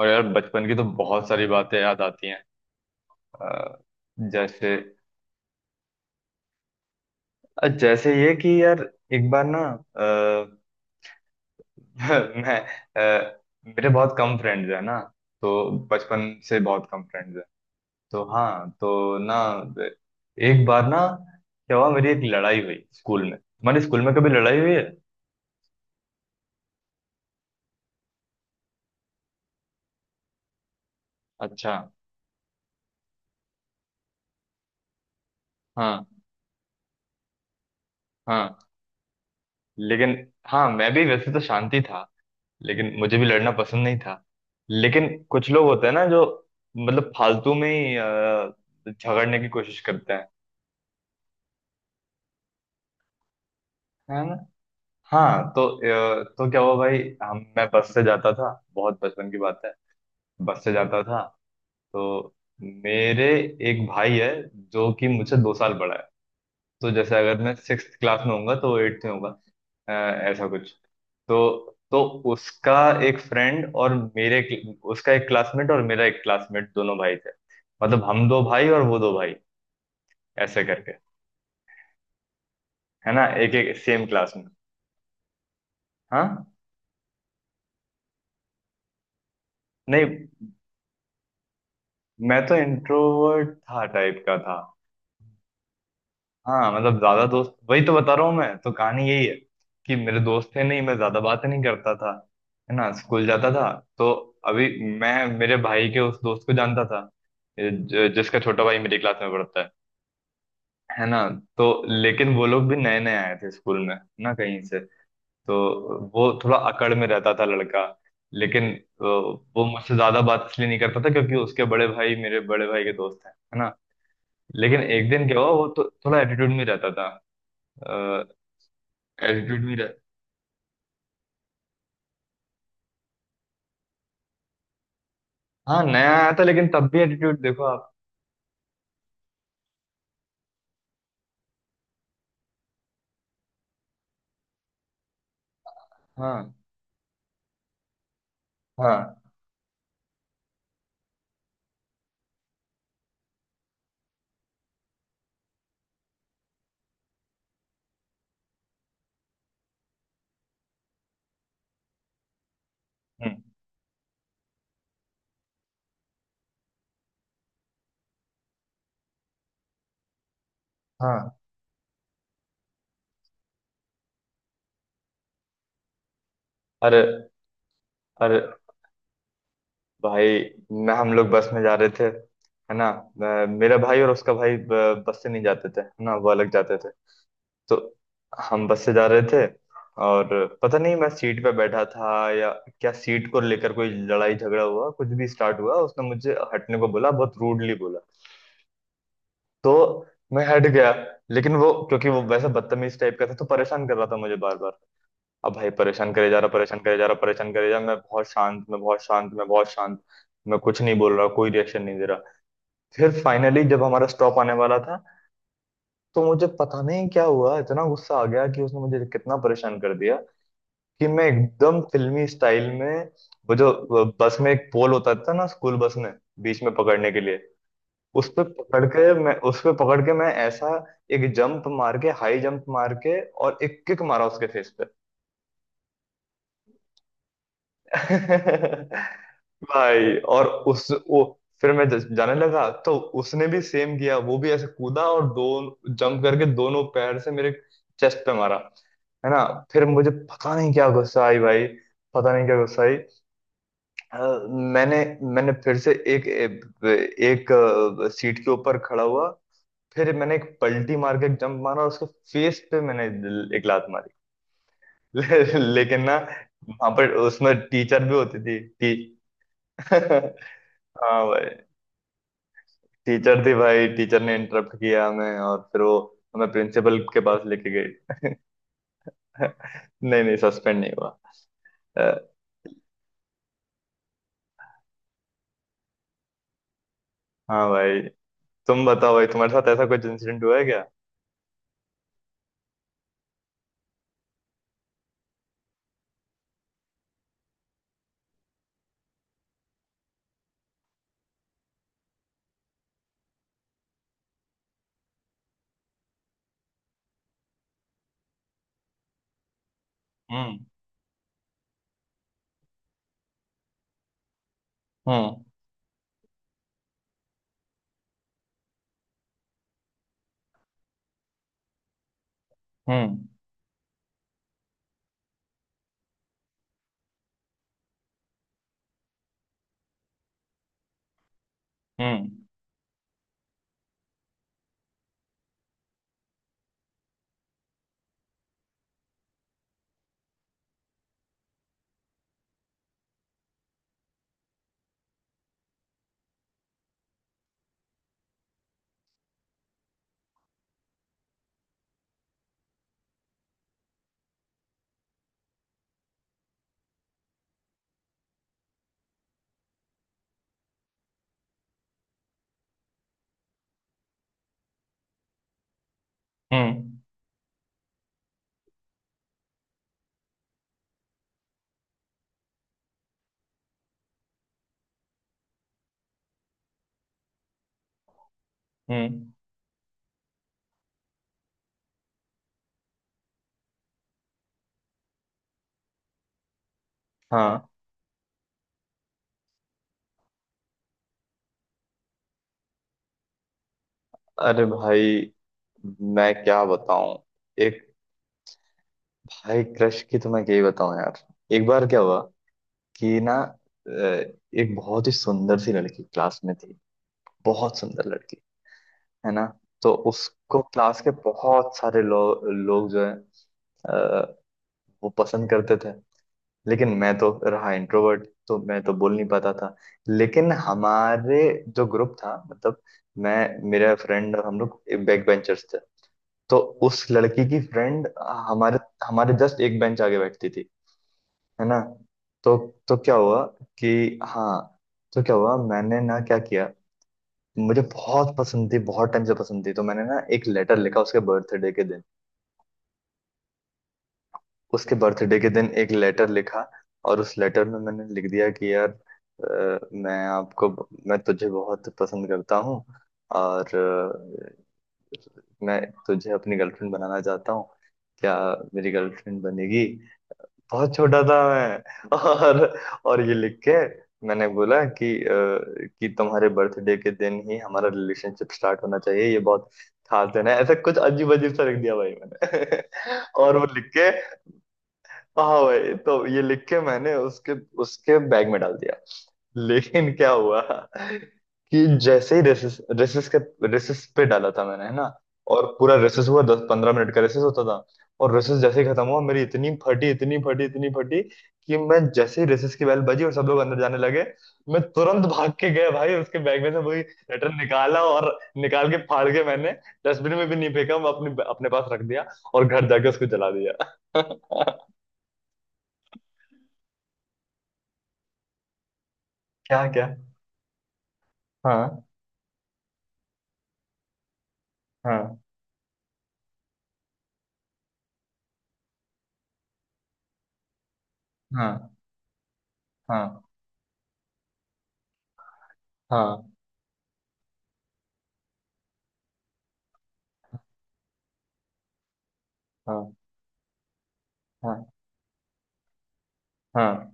और यार बचपन की तो बहुत सारी बातें याद आती हैं। अ, जैसे जैसे ये कि यार एक बार ना। अ, मैं अ, मेरे बहुत कम फ्रेंड्स हैं ना। तो बचपन से बहुत कम फ्रेंड्स हैं। तो हाँ। तो ना एक बार ना क्या हुआ, मेरी एक लड़ाई हुई स्कूल में। तुम्हारे स्कूल में कभी लड़ाई हुई है? अच्छा। हाँ हाँ। लेकिन हाँ, मैं भी वैसे तो शांति था। लेकिन मुझे भी लड़ना पसंद नहीं था। लेकिन कुछ लोग होते हैं ना जो मतलब फालतू में ही झगड़ने की कोशिश करते हैं। है ना। हाँ। तो क्या हुआ भाई, हम मैं बस से जाता था, बहुत बचपन की बात है। बस से जाता था। तो मेरे एक भाई है जो कि मुझसे 2 साल बड़ा है। तो जैसे अगर मैं 6 क्लास में होऊंगा तो 8th में होगा, अ, ऐसा कुछ। तो उसका एक फ्रेंड और मेरे उसका एक क्लासमेट और मेरा एक क्लासमेट, दोनों भाई थे। मतलब हम दो भाई और वो दो भाई, ऐसे करके। है ना। एक एक सेम क्लास में। हाँ। नहीं, मैं तो इंट्रोवर्ट था टाइप का था। हाँ, मतलब ज्यादा दोस्त वही तो बता रहा हूँ। मैं तो कहानी यही है कि मेरे दोस्त थे नहीं। मैं ज्यादा बातें नहीं करता था। है ना। स्कूल जाता था। तो अभी मैं मेरे भाई के उस दोस्त को जानता था, जिसका छोटा भाई मेरी क्लास में पढ़ता है। है ना। तो लेकिन वो लोग भी नए नए आए थे स्कूल में ना कहीं से, तो वो थोड़ा अकड़ में रहता था लड़का। लेकिन वो मुझसे ज्यादा बात इसलिए नहीं करता था क्योंकि उसके बड़े भाई मेरे बड़े भाई के दोस्त हैं। है ना। लेकिन एक दिन क्या हुआ, वो तो थोड़ा एटीट्यूड में रहता था। एटीट्यूड में रह हाँ, नया आया था लेकिन तब भी एटीट्यूड देखो आप। हाँ हाँ। हम्म। हाँ। अरे। अरे भाई, मैं हम लोग बस में जा रहे थे है ना। मेरा भाई और उसका भाई बस से नहीं जाते थे है ना, वो अलग जाते थे। तो हम बस से जा रहे थे। और पता नहीं मैं सीट पे बैठा था या क्या, सीट को लेकर कोई लड़ाई झगड़ा हुआ, कुछ भी स्टार्ट हुआ। उसने मुझे हटने को बोला, बहुत रूडली बोला। तो मैं हट गया। लेकिन वो, क्योंकि वो वैसे बदतमीज टाइप का था, तो परेशान कर रहा था मुझे बार बार। अब भाई, परेशान करे जा रहा, परेशान करे जा रहा, परेशान करे जा रहा। मैं बहुत शांत, मैं बहुत शांत, मैं बहुत शांत। मैं कुछ नहीं बोल रहा, कोई रिएक्शन नहीं दे रहा। फिर फाइनली, जब हमारा स्टॉप आने वाला था, तो मुझे पता नहीं क्या हुआ, इतना गुस्सा आ गया कि उसने मुझे कितना परेशान कर दिया। कि मैं एकदम फिल्मी स्टाइल में, वो जो बस में एक पोल होता था ना, स्कूल बस में, बीच में पकड़ने के लिए, उस पे पकड़ के मैं उस पे पकड़ के मैं ऐसा एक जंप मार के, हाई जंप मार के, और एक किक मारा उसके फेस पे। भाई, और उस वो फिर जाने लगा तो उसने भी सेम किया, वो भी ऐसे कूदा और दो जंप करके दोनों पैर से मेरे चेस्ट पे मारा। है ना। फिर मुझे पता नहीं क्या गुस्सा आई भाई, पता नहीं क्या गुस्सा आई। अ, मैंने मैंने फिर से एक एक अ, सीट के ऊपर खड़ा हुआ। फिर मैंने एक पलटी मार के एक जंप मारा और उसके फेस पे मैंने एक लात मारी। लेकिन ना, वहां पर उसमें टीचर भी होती थी। टी हाँ भाई, टीचर थी भाई। टीचर ने इंटरप्ट किया हमें और फिर वो हमें प्रिंसिपल के पास लेके गई। नहीं नहीं, सस्पेंड नहीं हुआ। अ, हाँ भाई। तुम बताओ भाई, तुम्हारे साथ ऐसा कुछ इंसिडेंट हुआ है क्या? हम्म। हम्म। हम्म। हम्म। हम्म। हम्म। हाँ। अरे भाई, मैं क्या बताऊं। एक भाई, क्रश की तो मैं क्या ही बताऊं यार। एक बार क्या हुआ कि ना, एक बहुत ही सुंदर सी लड़की क्लास में थी, बहुत सुंदर लड़की। है ना। तो उसको क्लास के बहुत सारे लोग जो है अ, वो पसंद करते थे। लेकिन मैं तो रहा इंट्रोवर्ट, तो मैं तो बोल नहीं पाता था। लेकिन हमारे जो ग्रुप था मतलब, मैं, मेरा फ्रेंड, और हम लोग बैक बेंचर्स थे। तो उस लड़की की फ्रेंड हमारे हमारे जस्ट एक बेंच आगे बैठती थी। है ना। तो तो क्या हुआ कि, हाँ, तो क्या हुआ, मैंने ना क्या किया, मुझे बहुत पसंद थी, बहुत टाइम से पसंद थी, तो मैंने ना एक लेटर लिखा उसके बर्थडे के दिन। उसके बर्थडे के दिन एक लेटर लिखा। और उस लेटर में मैंने लिख दिया कि यार, मैं तुझे बहुत पसंद करता हूँ, और मैं तुझे अपनी गर्लफ्रेंड बनाना चाहता हूँ। क्या मेरी गर्लफ्रेंड बनेगी? बहुत छोटा था मैं। और ये लिख के मैंने बोला कि कि तुम्हारे बर्थडे के दिन ही हमारा रिलेशनशिप स्टार्ट होना चाहिए, ये बहुत खास दिन है, ऐसा कुछ अजीब अजीब सा लिख दिया भाई मैंने। और वो लिख के हाँ भाई, तो ये लिख के मैंने उसके उसके बैग में डाल दिया। लेकिन क्या हुआ कि जैसे ही रेसेस रेसेस के रेसेस पे डाला था मैंने। है ना। और पूरा रेसेस हुआ, 10 15 मिनट का रेसेस होता था। और रेसेस जैसे ही खत्म हुआ, मेरी इतनी फटी, इतनी फटी, इतनी फटी कि मैं, जैसे ही रेसेस की बेल बजी और सब लोग अंदर जाने लगे, मैं तुरंत भाग के गया भाई, उसके बैग में से वही लेटर निकाला और निकाल के फाड़ के, मैंने डस्टबिन में भी नहीं फेंका, मैं अपने अपने पास रख दिया। और घर जाके उसको जला दिया। क्या? क्या? हाँ। हाँ। हाँ। हाँ। हाँ। हाँ। हाँ। हाँ।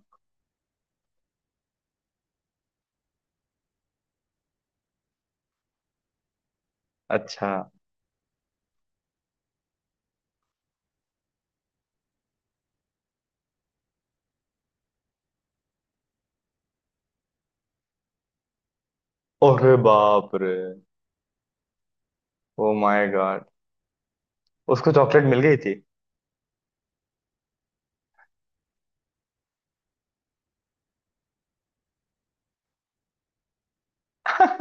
अच्छा। अरे बाप रे। Oh my god. उसको चॉकलेट मिल गई थी?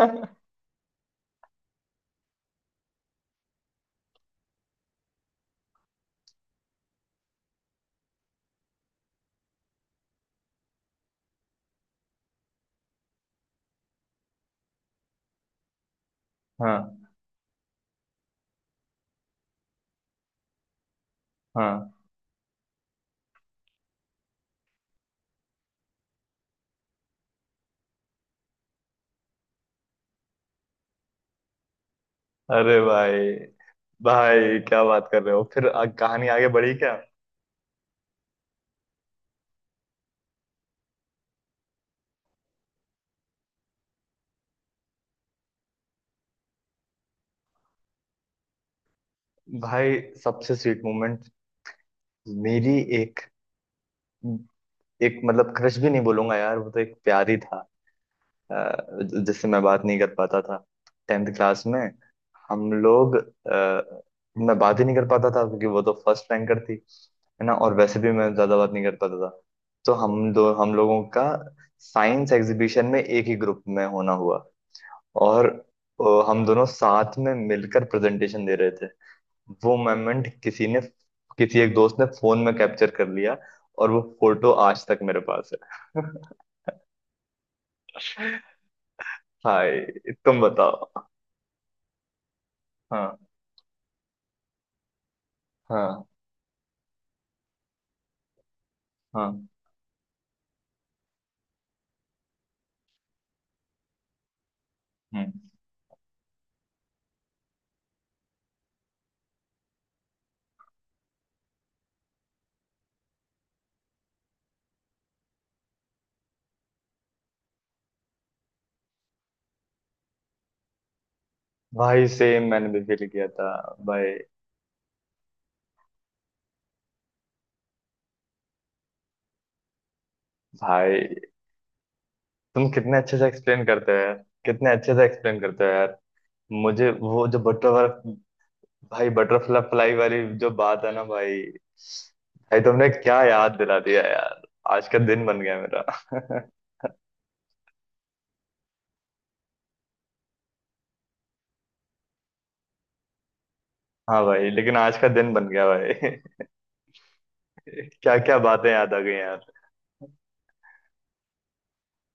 हाँ हाँ। अरे भाई। भाई, क्या बात कर रहे हो? फिर कहानी आगे बढ़ी क्या? भाई सबसे स्वीट मोमेंट, मेरी, एक एक मतलब क्रश भी नहीं बोलूंगा यार, वो तो एक प्यार ही था। अ, जिससे मैं बात नहीं कर पाता था। 10th क्लास में हम लोग, मैं बात ही नहीं कर पाता था क्योंकि वो तो फर्स्ट रैंकर थी। है ना। और वैसे भी मैं ज्यादा बात नहीं कर पाता था। तो हम लोगों का साइंस एग्जीबिशन में एक ही ग्रुप में होना हुआ। और हम दोनों साथ में मिलकर प्रेजेंटेशन दे रहे थे। वो मोमेंट किसी एक दोस्त ने फोन में कैप्चर कर लिया, और वो फोटो आज तक मेरे पास है। हाय। तुम बताओ। हाँ। हाँ। हाँ। हम्म। भाई, सेम मैंने भी फील किया था भाई। भाई, तुम कितने अच्छे से एक्सप्लेन करते हो यार। कितने अच्छे से एक्सप्लेन करते हो यार। मुझे वो जो बटरफ्लाई, भाई, बटरफ्लाई वाली जो बात है ना भाई, भाई, तुमने क्या याद दिला दिया यार। आज का दिन बन गया मेरा। हाँ भाई, लेकिन आज का दिन बन गया भाई। क्या क्या बातें याद आ गई।